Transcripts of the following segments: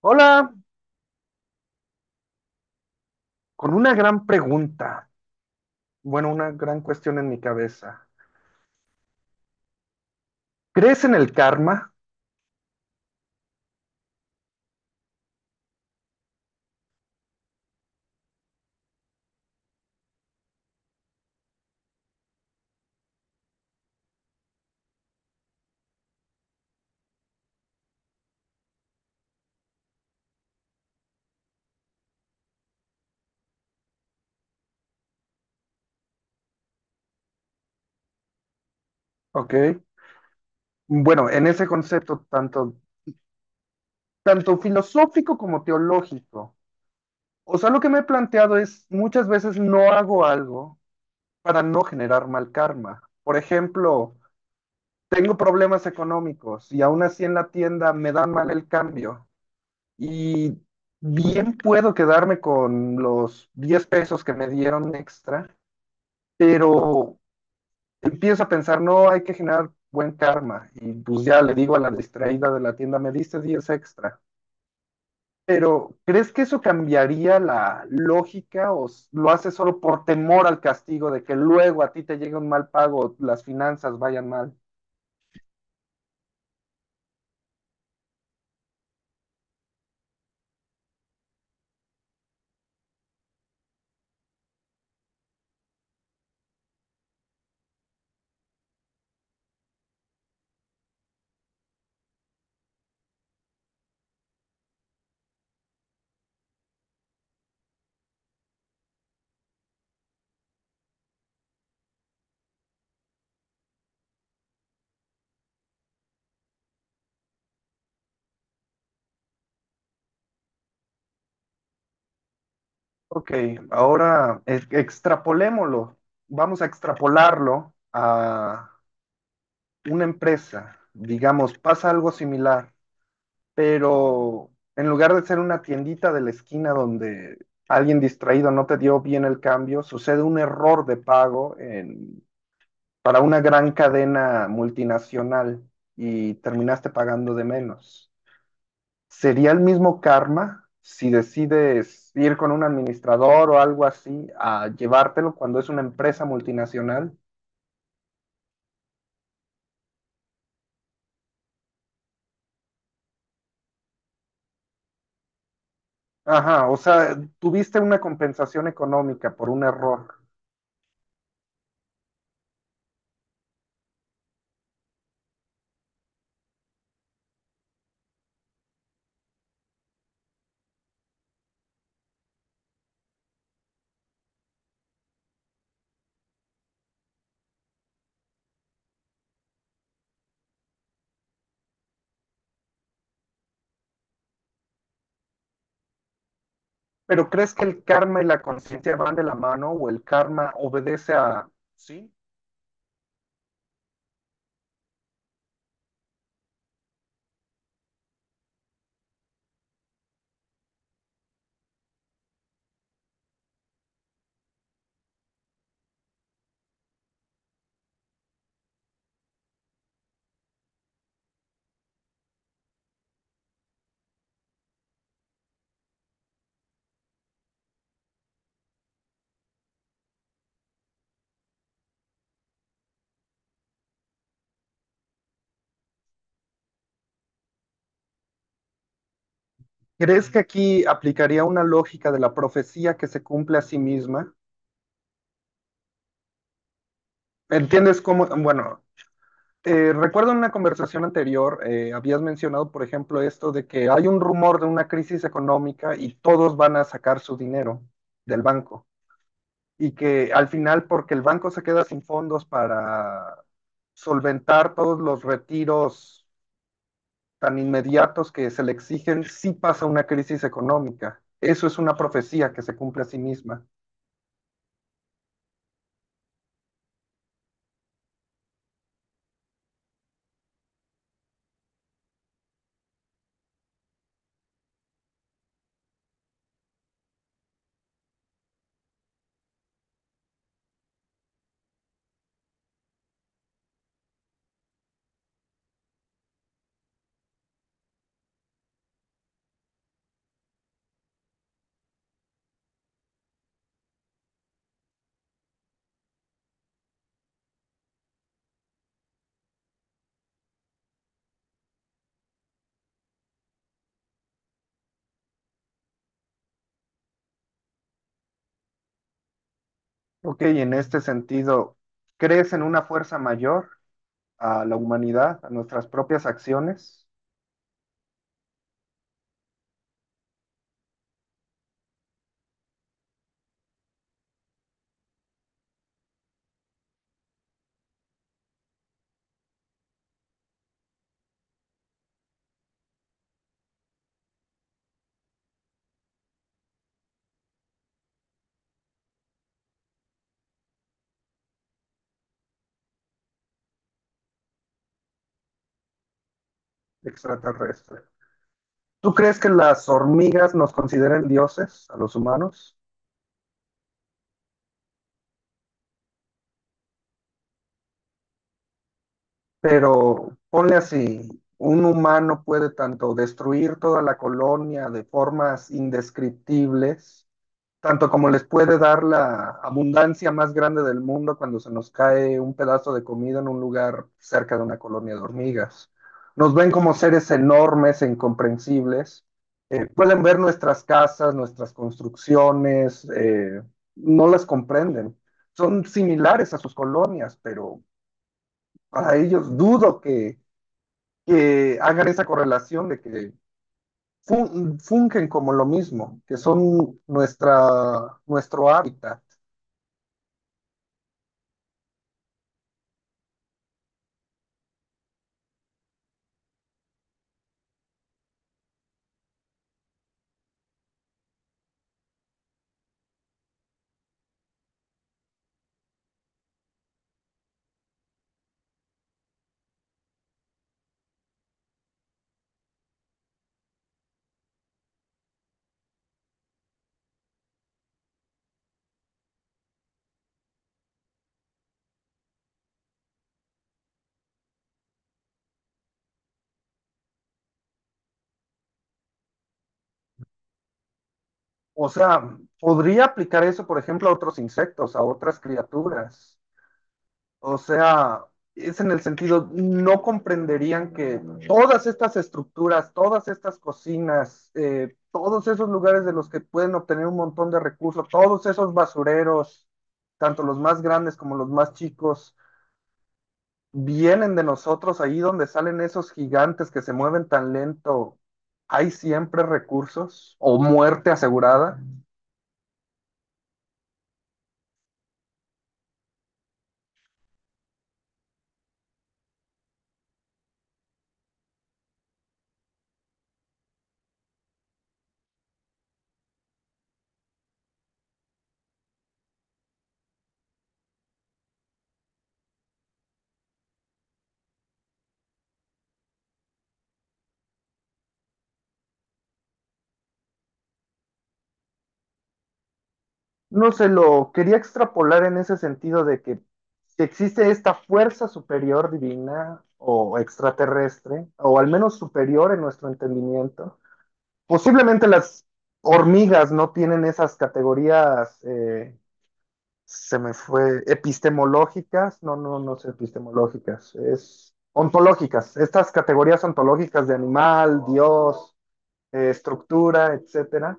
Hola, con una gran pregunta, bueno, una gran cuestión en mi cabeza. ¿Crees en el karma? ¿Ok? Bueno, en ese concepto tanto filosófico como teológico. O sea, lo que me he planteado es, muchas veces no hago algo para no generar mal karma. Por ejemplo, tengo problemas económicos y aún así en la tienda me dan mal el cambio. Y bien puedo quedarme con los 10 pesos que me dieron extra, pero empiezo a pensar, no, hay que generar buen karma. Y pues ya le digo a la distraída de la tienda, me diste 10 extra. Pero, ¿crees que eso cambiaría la lógica o lo haces solo por temor al castigo de que luego a ti te llegue un mal pago, las finanzas vayan mal? Ok, ahora extrapolémoslo. Vamos a extrapolarlo a una empresa. Digamos, pasa algo similar. Pero en lugar de ser una tiendita de la esquina donde alguien distraído no te dio bien el cambio, sucede un error de pago para una gran cadena multinacional y terminaste pagando de menos. ¿Sería el mismo karma si decides ir con un administrador o algo así a llevártelo cuando es una empresa multinacional? Ajá, o sea, tuviste una compensación económica por un error. Pero, ¿crees que el karma y la conciencia van de la mano o el karma obedece a... Sí. ¿Crees que aquí aplicaría una lógica de la profecía que se cumple a sí misma? ¿Entiendes cómo? Bueno, recuerdo en una conversación anterior, habías mencionado, por ejemplo, esto de que hay un rumor de una crisis económica y todos van a sacar su dinero del banco y que al final, porque el banco se queda sin fondos para solventar todos los retiros tan inmediatos que se le exigen si pasa una crisis económica. Eso es una profecía que se cumple a sí misma. Ok, en este sentido, ¿crees en una fuerza mayor a la humanidad, a nuestras propias acciones extraterrestres? ¿Tú crees que las hormigas nos consideren dioses, a los humanos? Pero ponle así, un humano puede tanto destruir toda la colonia de formas indescriptibles, tanto como les puede dar la abundancia más grande del mundo cuando se nos cae un pedazo de comida en un lugar cerca de una colonia de hormigas. Nos ven como seres enormes e incomprensibles. Pueden ver nuestras casas, nuestras construcciones. No las comprenden. Son similares a sus colonias, pero para ellos dudo que hagan esa correlación de que fungen como lo mismo, que son nuestra, nuestro hábitat. O sea, podría aplicar eso, por ejemplo, a otros insectos, a otras criaturas. O sea, es en el sentido, no comprenderían que todas estas estructuras, todas estas cocinas, todos esos lugares de los que pueden obtener un montón de recursos, todos esos basureros, tanto los más grandes como los más chicos, vienen de nosotros, ahí donde salen esos gigantes que se mueven tan lento. ¿Hay siempre recursos o muerte asegurada? No se lo quería extrapolar en ese sentido de que si existe esta fuerza superior divina o extraterrestre, o al menos superior en nuestro entendimiento, posiblemente las hormigas no tienen esas categorías, se me fue, epistemológicas, no, no, no es epistemológicas, es ontológicas, estas categorías ontológicas de animal, Dios, estructura, etcétera,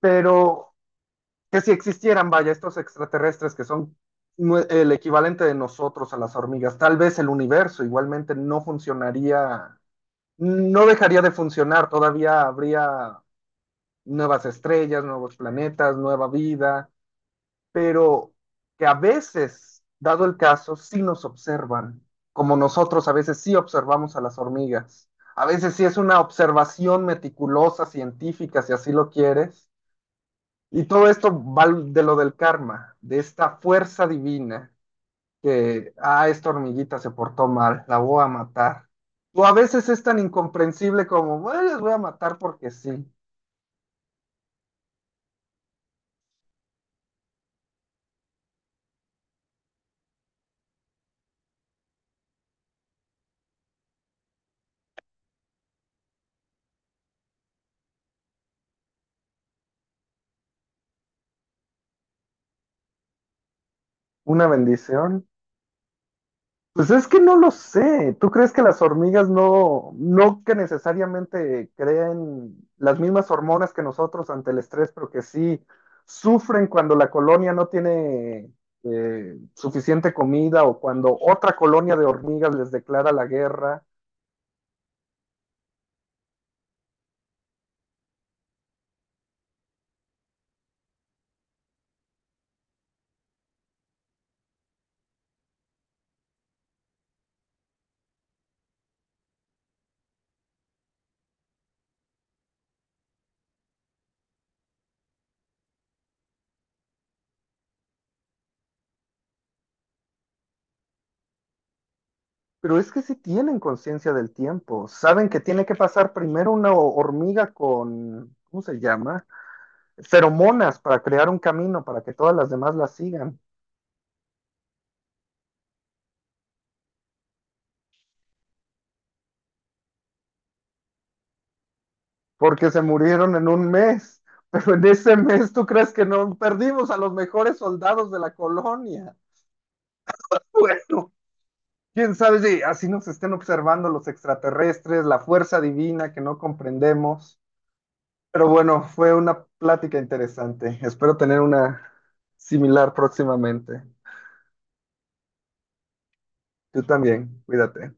pero que si existieran, vaya, estos extraterrestres que son el equivalente de nosotros a las hormigas, tal vez el universo igualmente no funcionaría, no dejaría de funcionar, todavía habría nuevas estrellas, nuevos planetas, nueva vida, pero que a veces, dado el caso, sí nos observan, como nosotros a veces sí observamos a las hormigas. A veces sí es una observación meticulosa, científica, si así lo quieres, y todo esto va de lo del karma, de esta fuerza divina que, ah, esta hormiguita se portó mal, la voy a matar. O a veces es tan incomprensible como, bueno, les voy a matar porque sí. Una bendición. Pues es que no lo sé. ¿Tú crees que las hormigas no que necesariamente creen las mismas hormonas que nosotros ante el estrés, pero que sí sufren cuando la colonia no tiene suficiente comida o cuando otra colonia de hormigas les declara la guerra? Pero es que sí tienen conciencia del tiempo. Saben que tiene que pasar primero una hormiga con, ¿cómo se llama? Feromonas para crear un camino para que todas las demás la sigan. Porque se murieron en un mes. Pero en ese mes, ¿tú crees que no perdimos a los mejores soldados de la colonia? Bueno, quién sabe si así nos estén observando los extraterrestres, la fuerza divina que no comprendemos. Pero bueno, fue una plática interesante. Espero tener una similar próximamente. Tú también, cuídate.